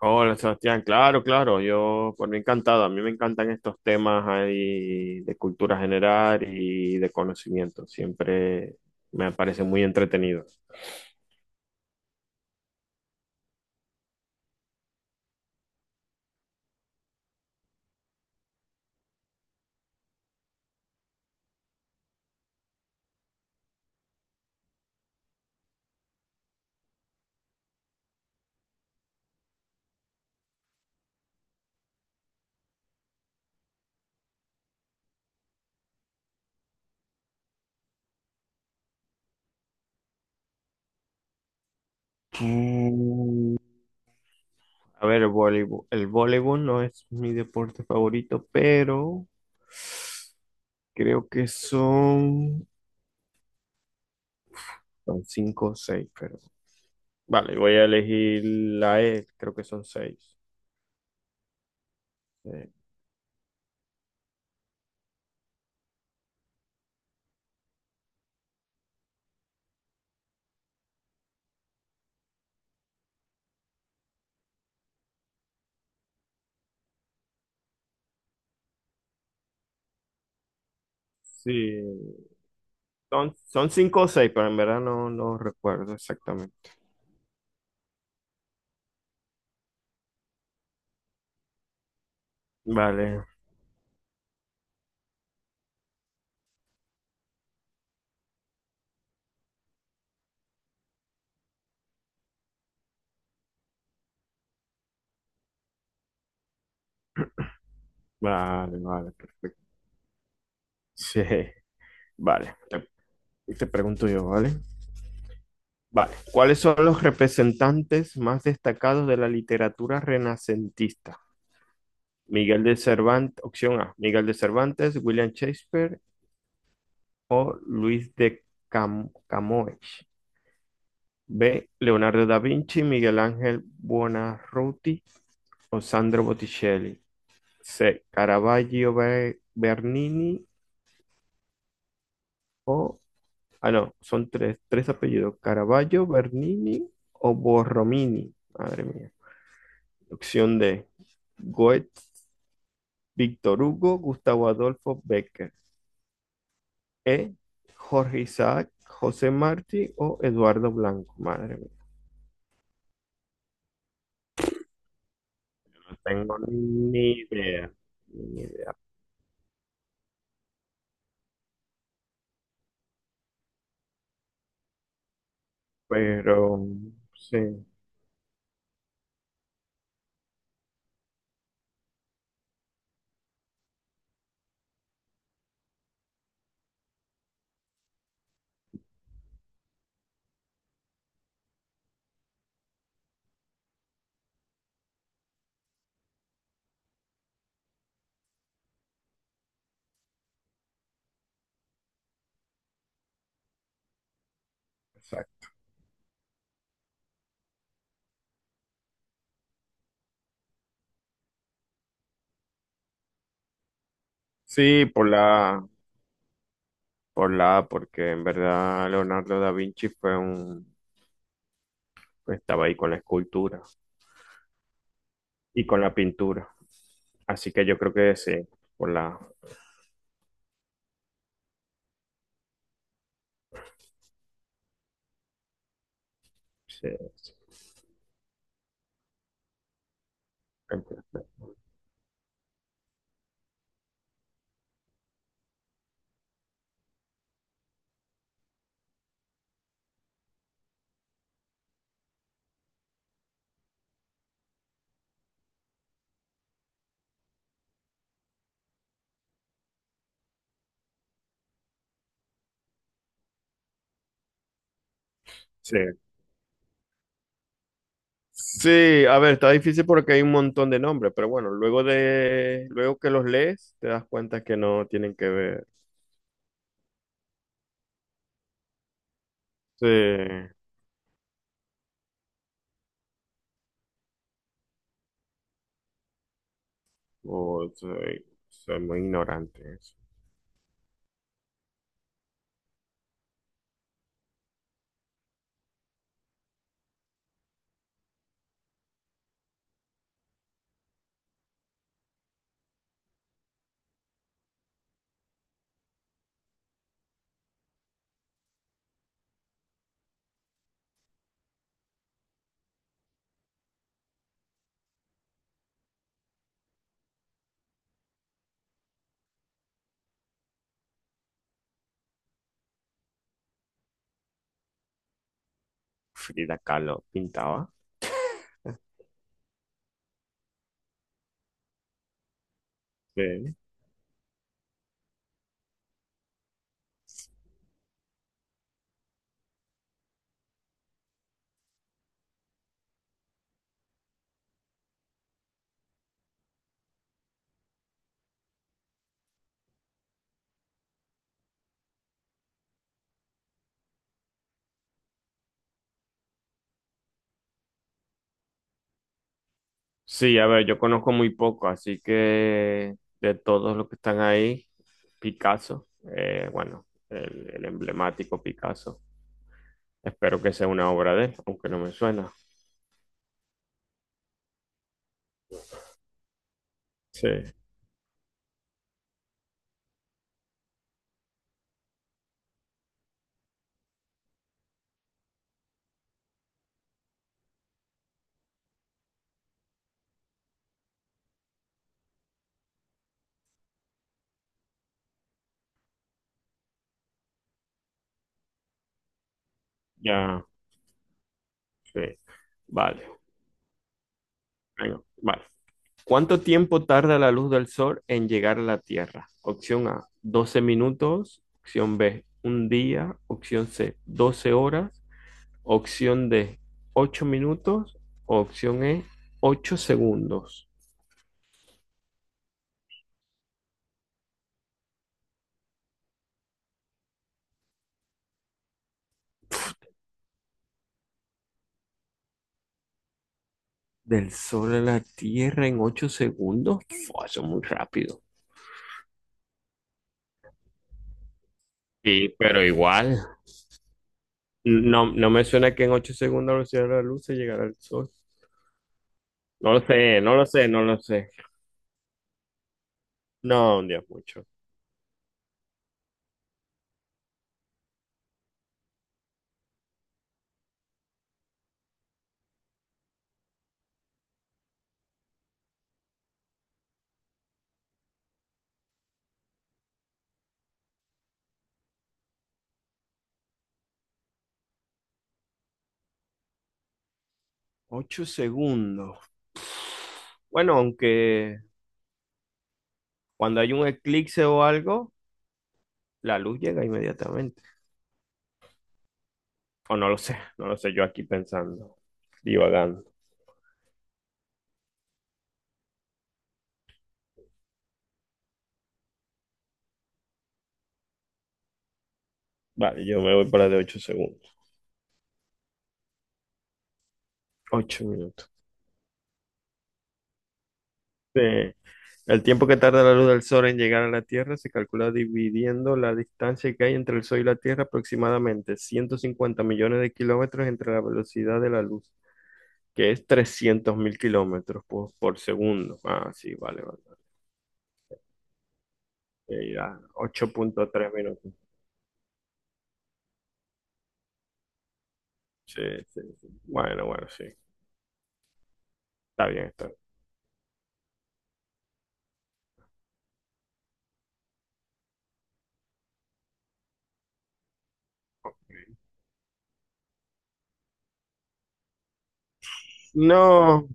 Hola, Sebastián, claro, claro, yo por mí encantado. A mí me encantan estos temas ahí de cultura general y de conocimiento, siempre me parecen muy entretenidos. Mm, A ver, el voleibol no es mi deporte favorito, pero creo que son cinco o seis, pero vale, voy a elegir la E, creo que son seis. Eh, Sí, son cinco o seis, pero en verdad no, no recuerdo exactamente. Vale. Vale, vale, perfecto. Sí, vale. Te pregunto yo, ¿vale? Vale. ¿Cuáles son los representantes más destacados de la literatura renacentista? Miguel de Cervantes, opción A, Miguel de Cervantes, William Shakespeare o Luis de Camões. B, Leonardo da Vinci, Miguel Ángel Buonarroti o Sandro Botticelli. C, Caravaggio, Bernini o... Ah, no, son tres apellidos: Caravaggio, Bernini o Borromini. Madre mía. Opción D, Goethe, Víctor Hugo, Gustavo Adolfo Becker. E, Jorge Isaac, José Martí o Eduardo Blanco. Madre mía, no tengo ni idea, ni idea, pero sí, exacto. Sí, por por la A, porque en verdad Leonardo da Vinci fue un, estaba ahí con la escultura y con la pintura. Así que yo creo que sí, por la... Sí, sí, sí. Sí, a ver, está difícil porque hay un montón de nombres, pero bueno, luego que los lees, te das cuenta que no tienen que ver. Sí, o soy muy ignorante. Frida Kahlo pintaba. Sí. Sí, a ver, yo conozco muy poco, así que de todos los que están ahí, Picasso, bueno, el emblemático Picasso. Espero que sea una obra de él, aunque no me suena. Sí, ya, sí. Vale, venga, vale. ¿Cuánto tiempo tarda la luz del sol en llegar a la Tierra? Opción A, 12 minutos. Opción B, un día. Opción C, 12 horas. Opción D, 8 minutos. Opción E, 8 segundos. Del Sol a la Tierra en 8 segundos. Fua, eso es muy rápido. Sí, pero igual. No, no me suena que en 8 segundos a la velocidad de la luz se llegará al Sol. No lo sé, no lo sé, no lo sé. No, un Dios, mucho. 8 segundos. Bueno, aunque cuando hay un eclipse o algo, la luz llega inmediatamente. O no lo sé, no lo sé, yo aquí pensando, divagando. Vale, yo me voy para de 8 segundos. 8 minutos. Eh, el tiempo que tarda la luz del sol en llegar a la Tierra se calcula dividiendo la distancia que hay entre el sol y la Tierra, aproximadamente 150 millones de kilómetros entre la velocidad de la luz, que es 300.000 kilómetros por segundo. Ah, sí, vale, vale. Ya, 8,3 minutos. Sí, sí, sí. Bueno, bueno, sí. Está bien, está bien. No,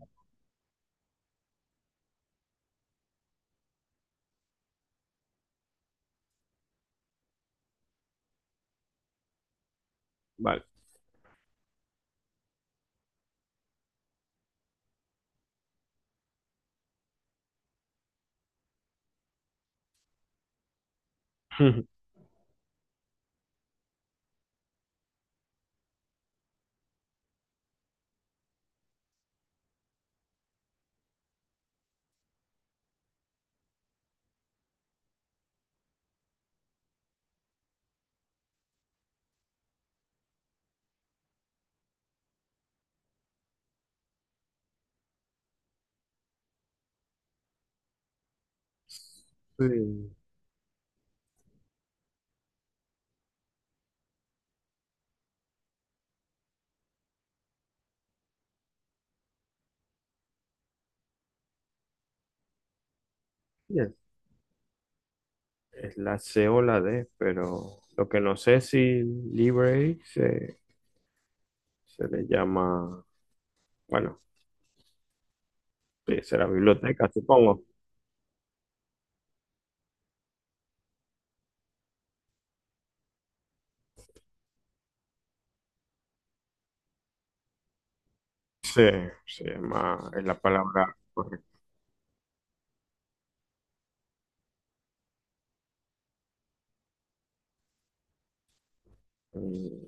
vale. Sí. Es la C o la D, pero lo que no sé es si library se le llama, bueno, sí, será biblioteca, supongo. Sí, se llama, es la palabra correcta. Mm.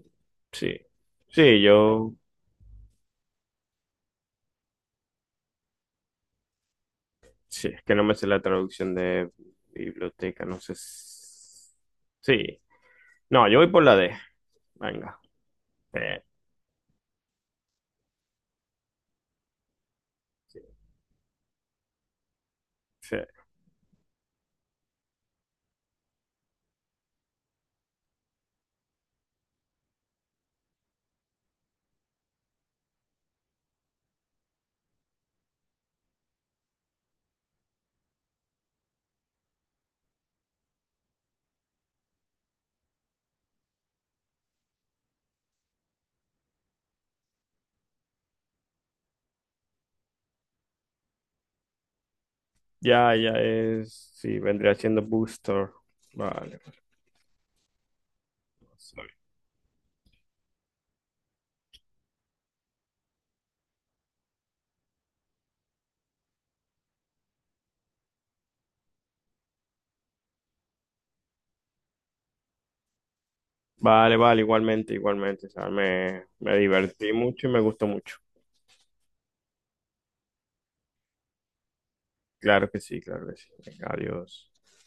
Sí, sí, yo, sí, es que no me sé la traducción de biblioteca, no sé. Sí, no, yo voy por la D, venga. Sí, sí, sí. Ya, ya es, sí, vendría siendo booster. Vale, vale. Vale, vale, igualmente, igualmente. O sea, me divertí mucho y me gustó mucho. Claro que sí, claro que sí. Venga, adiós.